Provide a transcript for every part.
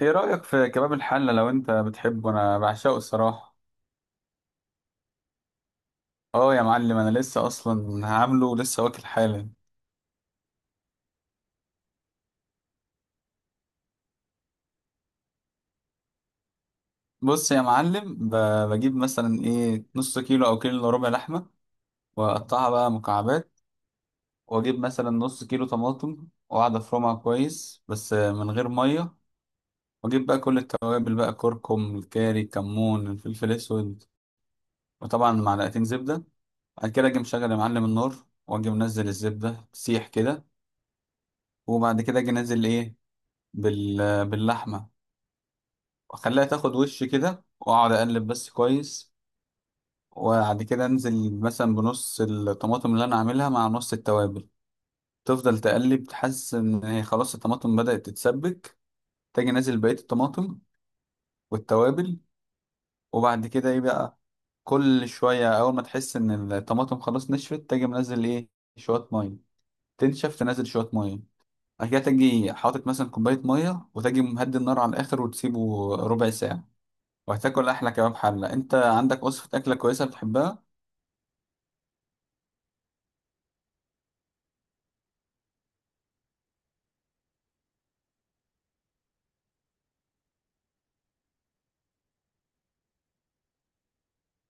ايه رأيك في كباب الحلة؟ لو انت بتحبه انا بعشقه الصراحة. اه يا معلم، انا لسه اصلا عامله ولسه واكل حالا. بص يا معلم، بجيب مثلا ايه نص كيلو او كيلو الا ربع لحمة، واقطعها بقى مكعبات. واجيب مثلا نص كيلو طماطم واقعد افرمها كويس بس من غير مية. واجيب بقى كل التوابل بقى، كركم، الكاري، الكمون، الفلفل الاسود، وطبعا معلقتين زبدة. بعد كده اجي مشغل يا معلم النار، واجي منزل الزبدة تسيح كده. وبعد كده اجي انزل ايه، بال... باللحمة، وأخليها تاخد وش كده وأقعد أقلب بس كويس. وبعد كده أنزل مثلا بنص الطماطم اللي أنا عاملها مع نص التوابل، تفضل تقلب تحس إن هي خلاص الطماطم بدأت تتسبك. تاجي نازل بقية الطماطم والتوابل. وبعد كده إيه بقى، كل شوية أول ما تحس إن الطماطم خلاص نشفت تاجي منزل إيه، شوية مية. تنشف تنزل شوية مية. بعد كده تاجي حاطط مثلا كوباية مية وتاجي مهدي النار على الآخر وتسيبه ربع ساعة. وهتاكل احلى كباب حله. انت عندك وصفه اكله كويسه بتحبها؟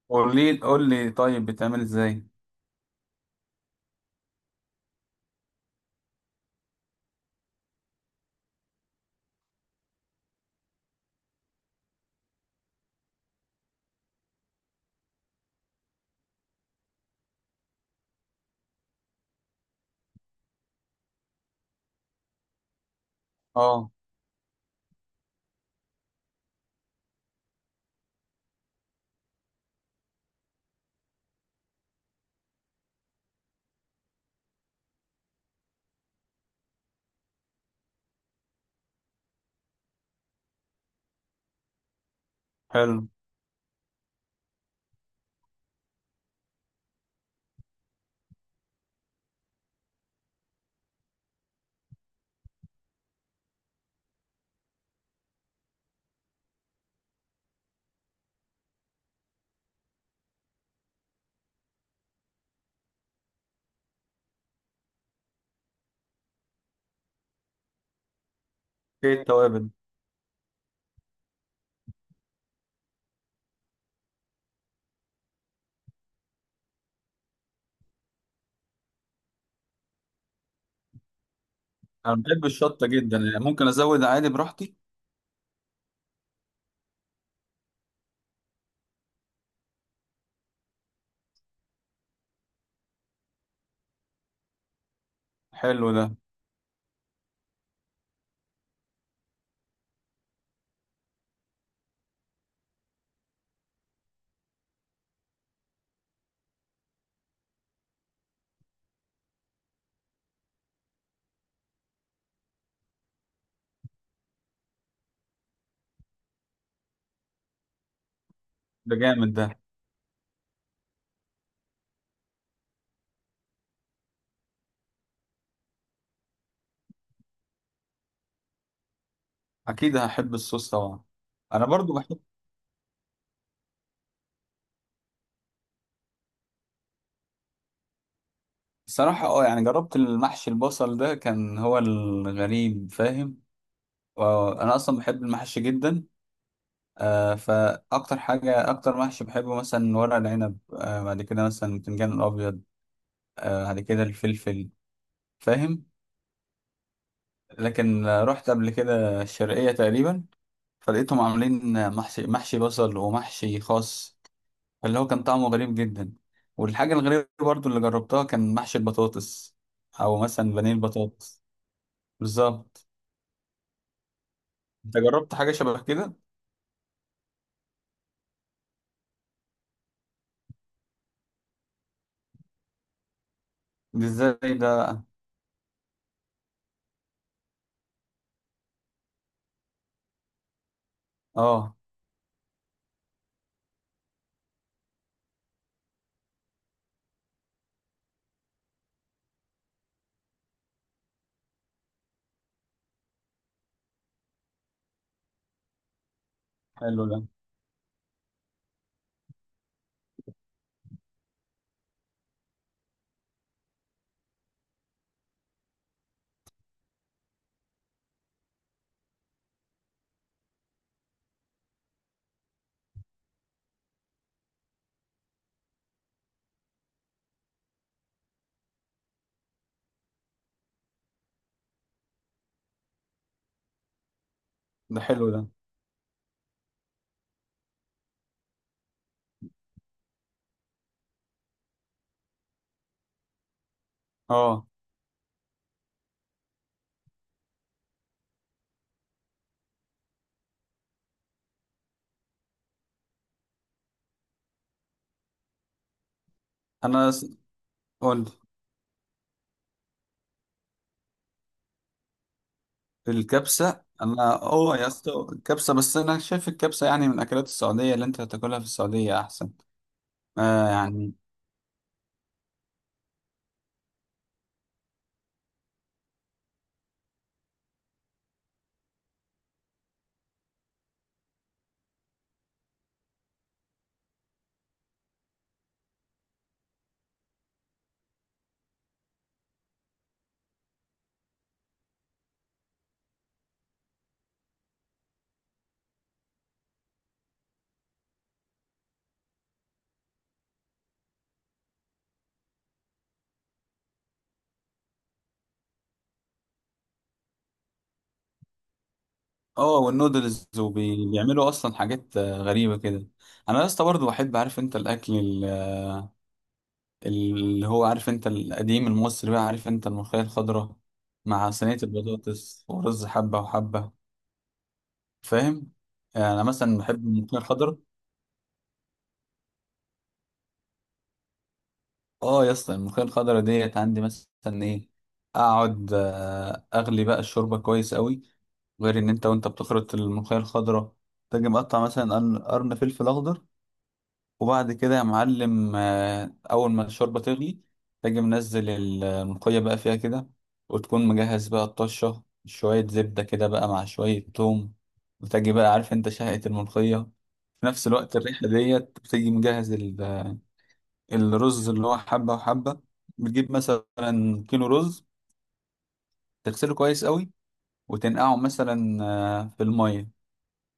قول لي قول لي، طيب بتعمل ازاي؟ اه. حلو. ايه التوابل؟ انا بحب الشطه جدا، يعني ممكن ازود عادي براحتي. حلو ده. ده جامد ده. اكيد هحب الصوص طبعا. انا برضو بحب. بصراحه اه، يعني جربت المحشي البصل، ده كان هو الغريب، فاهم؟ انا اصلا بحب المحشي جدا. آه، فاكتر حاجه اكتر محشي بحبه مثلا ورق العنب، آه بعد كده مثلا البتنجان الابيض، آه بعد كده الفلفل، فاهم؟ لكن رحت قبل كده الشرقية تقريبا، فلقيتهم عاملين محشي، محشي بصل ومحشي خاص، اللي هو كان طعمه غريب جدا. والحاجة الغريبة برضو اللي جربتها كان محشي البطاطس، أو مثلا بانيه البطاطس. بالظبط. أنت جربت حاجة شبه كده؟ دي ازاي ده؟ اه. حلو ده. ده حلو ده. اه. أنا س- قول. الكبسة، أنا اه يا اسطى، الكبسة بس أنا شايف الكبسة يعني من أكلات السعودية، اللي أنت هتاكلها في السعودية أحسن. آه يعني. اه، والنودلز وبيعملوا اصلا حاجات غريبه كده. انا يا اسطى برضه بحب، عارف انت الاكل اللي هو، عارف انت القديم المصري بقى، عارف انت الملوخيه الخضراء مع صينيه البطاطس ورز حبه وحبه، فاهم؟ يعني انا مثلا بحب الملوخيه الخضراء. اه يا اسطى، الملوخيه الخضراء ديت عندي مثلا ايه، اقعد اغلي بقى الشوربه كويس قوي، غير ان انت وانت بتخرط الملوخيه الخضراء تجي مقطع مثلا قرن قرن فلفل اخضر. وبعد كده يا معلم أول ما الشوربة تغلي تجي منزل الملوخية بقى فيها كده، وتكون مجهز بقى الطشة شوية زبدة كده بقى مع شوية توم، وتجي بقى عارف انت شهقة الملوخية في نفس الوقت، الريحة ديت بتيجي مجهز الرز اللي هو حبة وحبة. بتجيب مثلا كيلو رز، تغسله كويس قوي، وتنقعه مثلا في المية.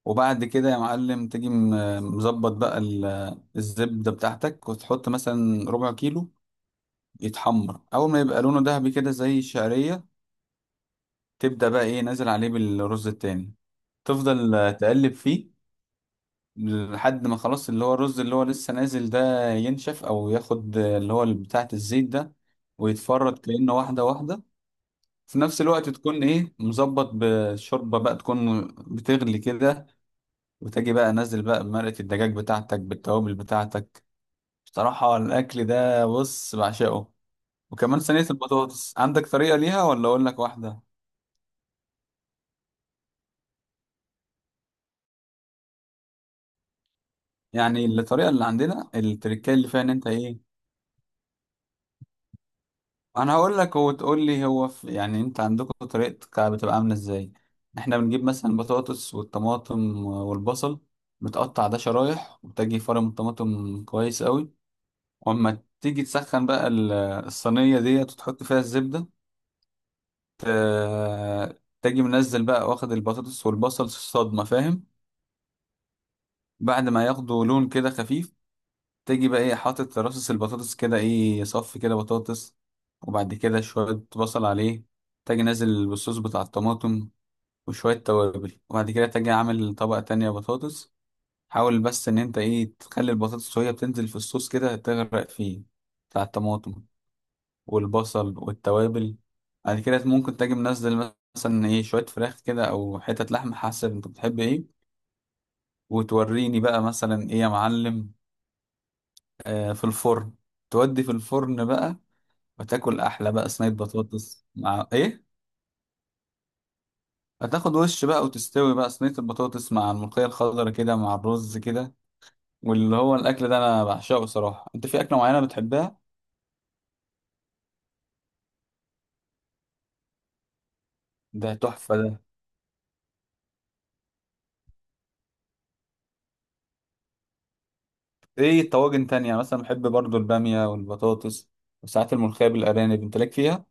وبعد كده يا معلم تجي مظبط بقى الزبدة بتاعتك وتحط مثلا ربع كيلو، يتحمر اول ما يبقى لونه ذهبي كده زي الشعريه، تبدا بقى ايه نازل عليه بالرز التاني، تفضل تقلب فيه لحد ما خلاص اللي هو الرز اللي هو لسه نازل ده ينشف او ياخد اللي هو بتاعه الزيت ده، ويتفرد كأنه واحده واحده. في نفس الوقت تكون ايه مظبط بشوربه بقى تكون بتغلي كده، وتجي بقى نازل بقى بمرقه الدجاج بتاعتك بالتوابل بتاعتك. بصراحه الاكل ده بص بعشقه. وكمان صينيه البطاطس، عندك طريقه ليها ولا اقول لك واحده؟ يعني الطريقه اللي عندنا التركيه اللي فيها ان انت ايه، انا هقول لك وتقول لي، هو في يعني انت عندكم طريقتك بتبقى عامله ازاي؟ احنا بنجيب مثلا البطاطس والطماطم والبصل، بتقطع ده شرايح وبتجي فرم الطماطم كويس قوي، واما تيجي تسخن بقى الصينيه ديت وتحط فيها الزبده، تجي منزل بقى واخد البطاطس والبصل الصدمه، فاهم؟ بعد ما ياخدوا لون كده خفيف، تيجي بقى ايه حاطط رصص البطاطس كده، ايه صف كده بطاطس، وبعد كده شوية بصل عليه، تاجي نازل بالصوص بتاع الطماطم وشوية توابل، وبعد كده تاجي عامل طبقة تانية بطاطس. حاول بس ان انت ايه تخلي البطاطس وهي بتنزل في الصوص كده تغرق فيه، بتاع الطماطم والبصل والتوابل. بعد كده ممكن تاجي منزل مثلا ايه شوية فراخ كده او حتة لحمة حسب انت بتحب ايه، وتوريني بقى مثلا ايه يا معلم، آه في الفرن، تودي في الفرن بقى، وتاكل احلى بقى صينيه بطاطس مع ايه. هتاخد وش بقى وتستوي بقى صينيه البطاطس مع الملوخيه الخضراء كده مع الرز كده، واللي هو الاكل ده انا بعشقه صراحه. انت في اكله معينه بتحبها؟ ده تحفه ده. ايه طواجن تانية؟ مثلا بحب برضو الباميه والبطاطس، وساعات الملوخيه بالارانب. انت ليك فيها؟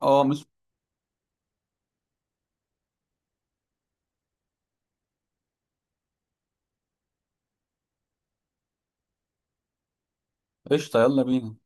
اه. مش قشطه يلا بينا.